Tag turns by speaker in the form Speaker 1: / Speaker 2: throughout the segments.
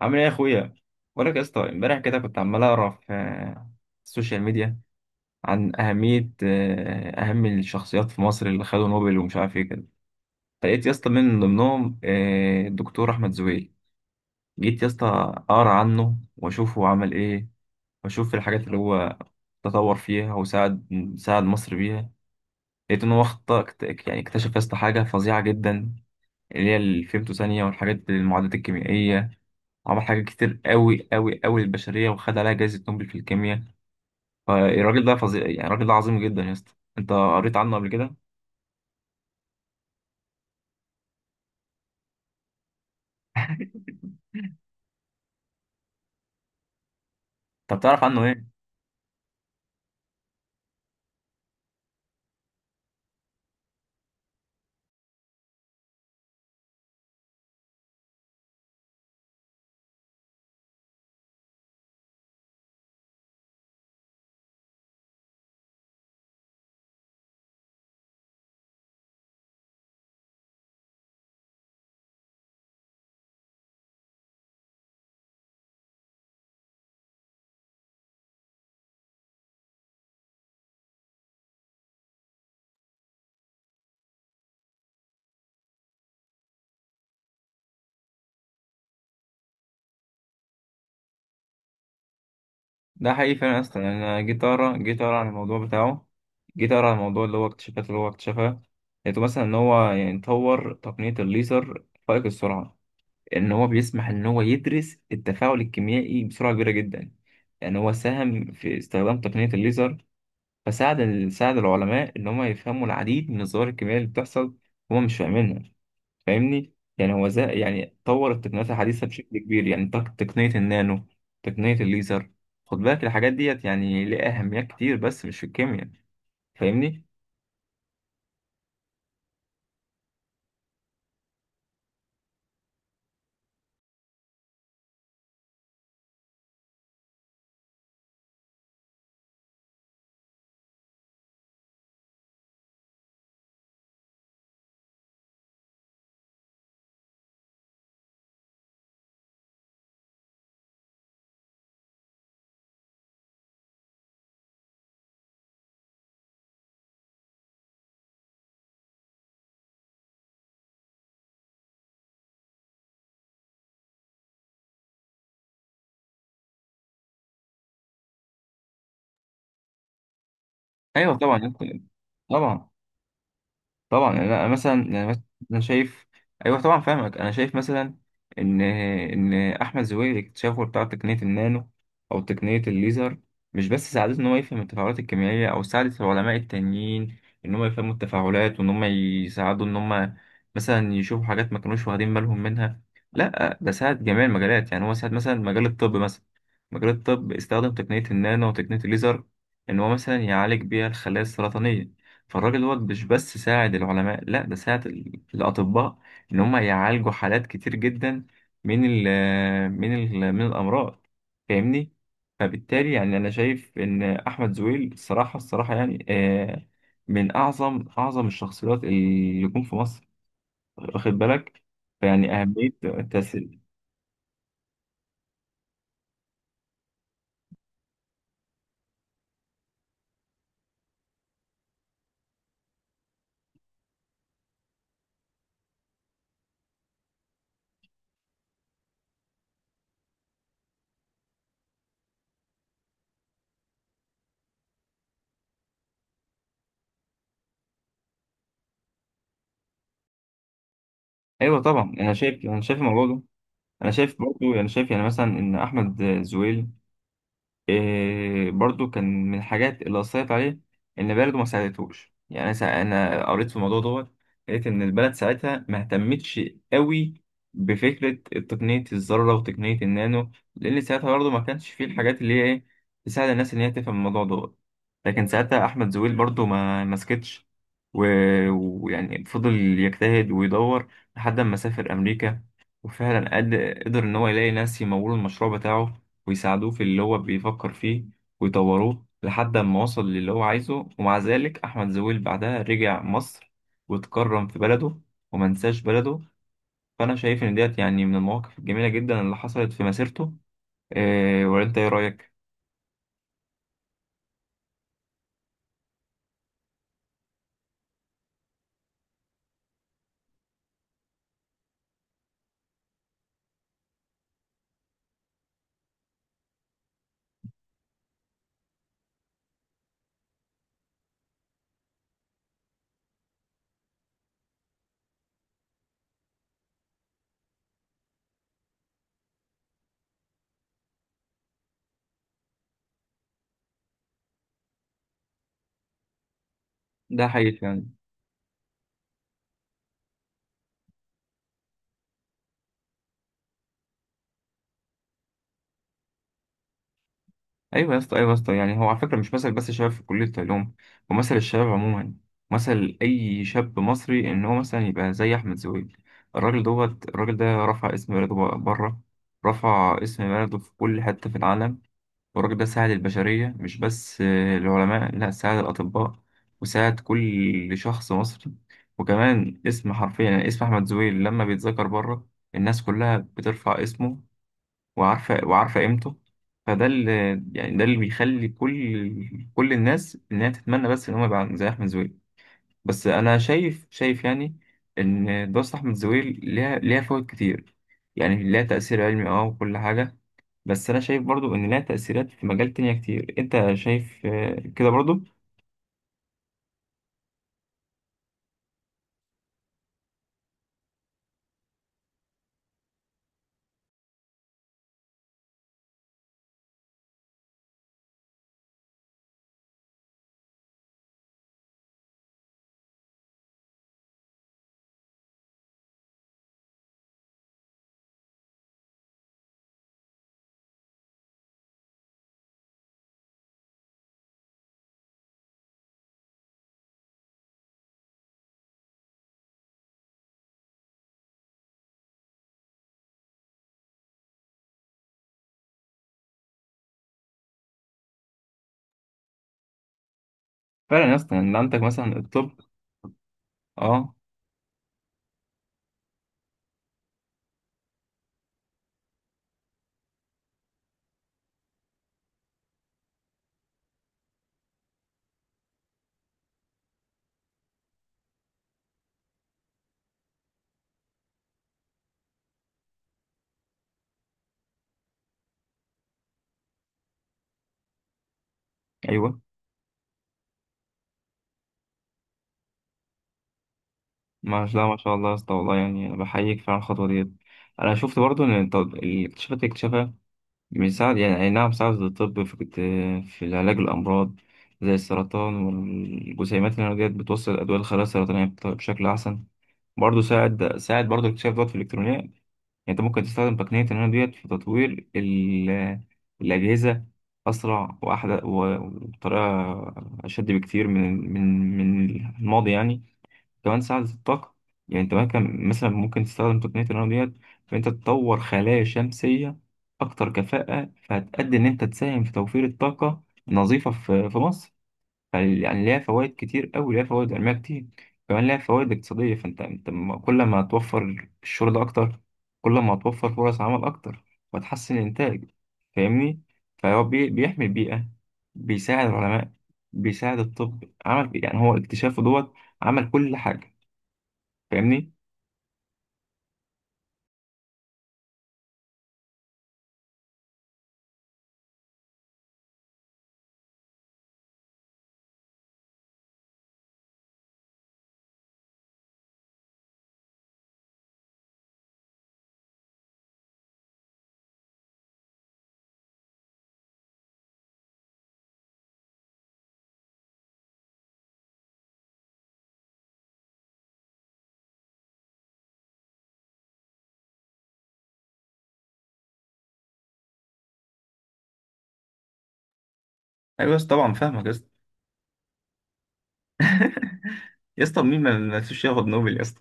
Speaker 1: عامل ايه يا اخويا؟ بقولك يا اسطى، امبارح كده كنت عمال اقرا في السوشيال ميديا عن اهميه اهم الشخصيات في مصر اللي خدوا نوبل ومش عارف ايه كده. فلقيت يا اسطى من ضمنهم الدكتور احمد زويل. جيت يا اسطى اقرا عنه واشوف هو عمل ايه، واشوف الحاجات اللي هو تطور فيها وساعد ساعد مصر بيها. لقيت ان هو اخطا يعني اكتشف يا اسطى حاجه فظيعه جدا، اللي هي الفيمتو ثانيه، والحاجات المعادلات الكيميائيه. عمل حاجات كتير قوي قوي قوي للبشرية، وخد عليها جائزة نوبل في الكيمياء. فالراجل ده فظيع، يعني الراجل ده عظيم جدا يا اسطى. انت قريت عنه قبل كده؟ طب تعرف عنه ايه؟ ده حقيقي فعلا يا اسطى، يعني انا جيت اقرا عن الموضوع بتاعه. جيت اقرا عن الموضوع اللي هو اكتشفها. لقيته مثلا ان هو يعني طور تقنية الليزر فائق السرعة، ان هو بيسمح ان هو يدرس التفاعل الكيميائي بسرعة كبيرة جدا. يعني هو ساهم في استخدام تقنية الليزر، فساعد ساعد العلماء إن هم يفهموا العديد من الظواهر الكيميائية اللي بتحصل هم مش فاهمينها. فاهمني؟ يعني هو زي يعني طور التقنيات الحديثة بشكل كبير، يعني تقنية النانو، تقنية الليزر. خد بالك الحاجات ديت يعني ليها أهميات كتير، بس مش في الكيمياء. فاهمني؟ أيوه، طبعا ممكن. طبعا، طبعا، يعني انا مثلا يعني انا شايف. ايوه طبعا فاهمك. انا شايف مثلا ان احمد زويل اكتشافه بتاع تقنيه النانو او تقنيه الليزر مش بس ساعدته ان هو يفهم التفاعلات الكيميائيه، او ساعدت العلماء التانيين ان هم يفهموا التفاعلات، وان هم يساعدوا ان هم مثلا يشوفوا حاجات ما كانوش واخدين بالهم منها. لا، ده ساعد جميع المجالات. يعني هو ساعد مثلا مجال الطب، مثلا مجال الطب استخدم تقنيه النانو وتقنيه الليزر ان هو مثلا يعالج بيها الخلايا السرطانيه. فالراجل دوت مش بس ساعد العلماء، لا ده ساعد الأطباء إن هم يعالجوا حالات كتير جدا من ال من الأمراض. فاهمني؟ فبالتالي يعني أنا شايف إن أحمد زويل، الصراحة الصراحة يعني، من أعظم أعظم الشخصيات اللي جم في مصر. واخد بالك؟ فيعني أهمية التأثير. أيوه طبعا، أنا شايف الموضوع ده. أنا شايف برضه، أنا شايف يعني مثلا إن أحمد زويل إيه برضو كان من الحاجات اللي أثرت عليه إن بلده ما ساعدتهوش. يعني أنا أنا قريت في الموضوع دوت، لقيت إن البلد ساعتها ما اهتمتش قوي بفكرة تقنية الذرة وتقنية النانو، لأن ساعتها برضو ما كانش فيه الحاجات اللي هي إيه تساعد الناس إن هي تفهم الموضوع دوت. لكن ساعتها أحمد زويل برضو ما مسكتش، و- ويعني فضل يجتهد ويدور لحد ما سافر أمريكا، وفعلا قدر إن هو يلاقي ناس يمولوا المشروع بتاعه ويساعدوه في اللي هو بيفكر فيه ويطوروه لحد ما وصل للي هو عايزه. ومع ذلك أحمد زويل بعدها رجع مصر واتكرم في بلده ومنساش بلده. فأنا شايف إن ديت يعني من المواقف الجميلة جدا اللي حصلت في مسيرته. إيه، ولا أنت إيه رأيك؟ ده حقيقي يعني. ايوه يا اسطى، ايوه يا اسطى، يعني هو على فكره مش مثل بس الشباب في كليه العلوم، ومثل الشباب عموما، مثل اي شاب مصري ان هو مثلا يبقى زي احمد زويل. الراجل ده رفع اسم بلده بره، رفع اسم بلده في كل حته في العالم. والراجل ده ساعد البشريه مش بس العلماء، لا ساعد الاطباء وساعد كل شخص مصري. وكمان اسم، حرفيا يعني اسم احمد زويل لما بيتذكر بره، الناس كلها بترفع اسمه، وعارفة قيمته. فده اللي يعني ده اللي بيخلي كل الناس إنها تتمنى بس إن هم يبقى زي أحمد زويل. بس أنا شايف يعني إن دراسة أحمد زويل ليها فوائد كتير، يعني ليها تأثير علمي وكل حاجة. بس أنا شايف برضو إن ليها تأثيرات في مجال تانية كتير. أنت شايف كده برضو؟ فعلا يا اسطى، إن عندك مثلا الطب. أه. أيوه، ما لا ما شاء الله يا اسطى، والله يعني أنا بحييك فعلا على الخطوة ديت. أنا شفت برضو إن الاكتشافات اللي اكتشفها بيساعد، يعني أي نعم ساعد الطب في العلاج الأمراض زي السرطان، والجسيمات النووية ديت بتوصل الأدوية للخلايا السرطانية بشكل أحسن. برضه ساعد برضه اكتشاف دوت في الإلكترونيات. يعني أنت ممكن تستخدم تقنية النانو ديت في تطوير الأجهزة، أسرع وأحدث وبطريقة أشد بكتير من الماضي يعني. كمان ساعة الطاقة، يعني أنت ممكن مثلا ممكن تستخدم تقنية النانو ديت في أنت تطور خلايا شمسية أكتر كفاءة، فهتأدي إن أنت تساهم في توفير الطاقة النظيفة في مصر. يعني ليها فوائد كتير أوي، ليها فوائد علمية كتير، كمان ليها فوائد اقتصادية. فأنت كل ما هتوفر الشغل ده أكتر، كل ما هتوفر فرص عمل أكتر وتحسن الإنتاج. فاهمني؟ فهو بيحمي البيئة، بيساعد العلماء، بيساعد الطب. عمل يعني هو اكتشافه دوت عمل كل حاجة. فاهمني؟ ايوه يا اسطى، طبعا فاهمك يا اسطى. يا اسطى، مين ما نفسوش ياخد نوبل يا اسطى؟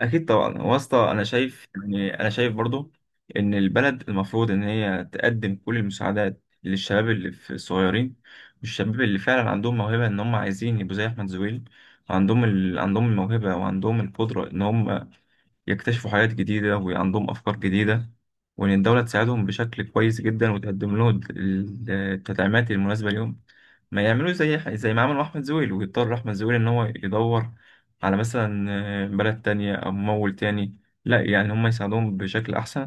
Speaker 1: اكيد طبعا. هو يا اسطى، انا شايف يعني انا شايف برضو ان البلد المفروض ان هي تقدم كل المساعدات للشباب اللي في الصغيرين، والشباب اللي فعلا عندهم موهبه ان هم عايزين يبقوا زي احمد زويل، وعندهم عندهم الموهبه، وعندهم القدره ان هم يكتشفوا حاجات جديدة، وعندهم أفكار جديدة. وإن الدولة تساعدهم بشكل كويس جدا، وتقدم لهم التدعيمات المناسبة ليهم. ما يعملوش زي ما عملوا أحمد زويل، ويضطر أحمد زويل إن هو يدور على مثلا بلد تانية أو ممول تاني. لا، يعني هم يساعدوهم بشكل أحسن.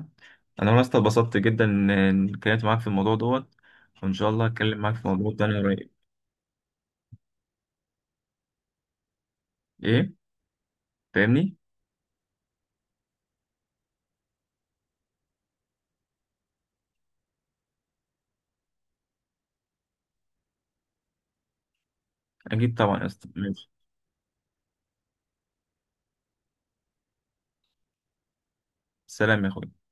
Speaker 1: أنا والله أصلا اتبسطت جدا إن اتكلمت معاك في الموضوع دوت، وإن شاء الله أتكلم معاك في موضوع تاني قريب. إيه؟ فاهمني؟ أكيد طبعا يا أسطى، ماشي. سلام يا أخوي.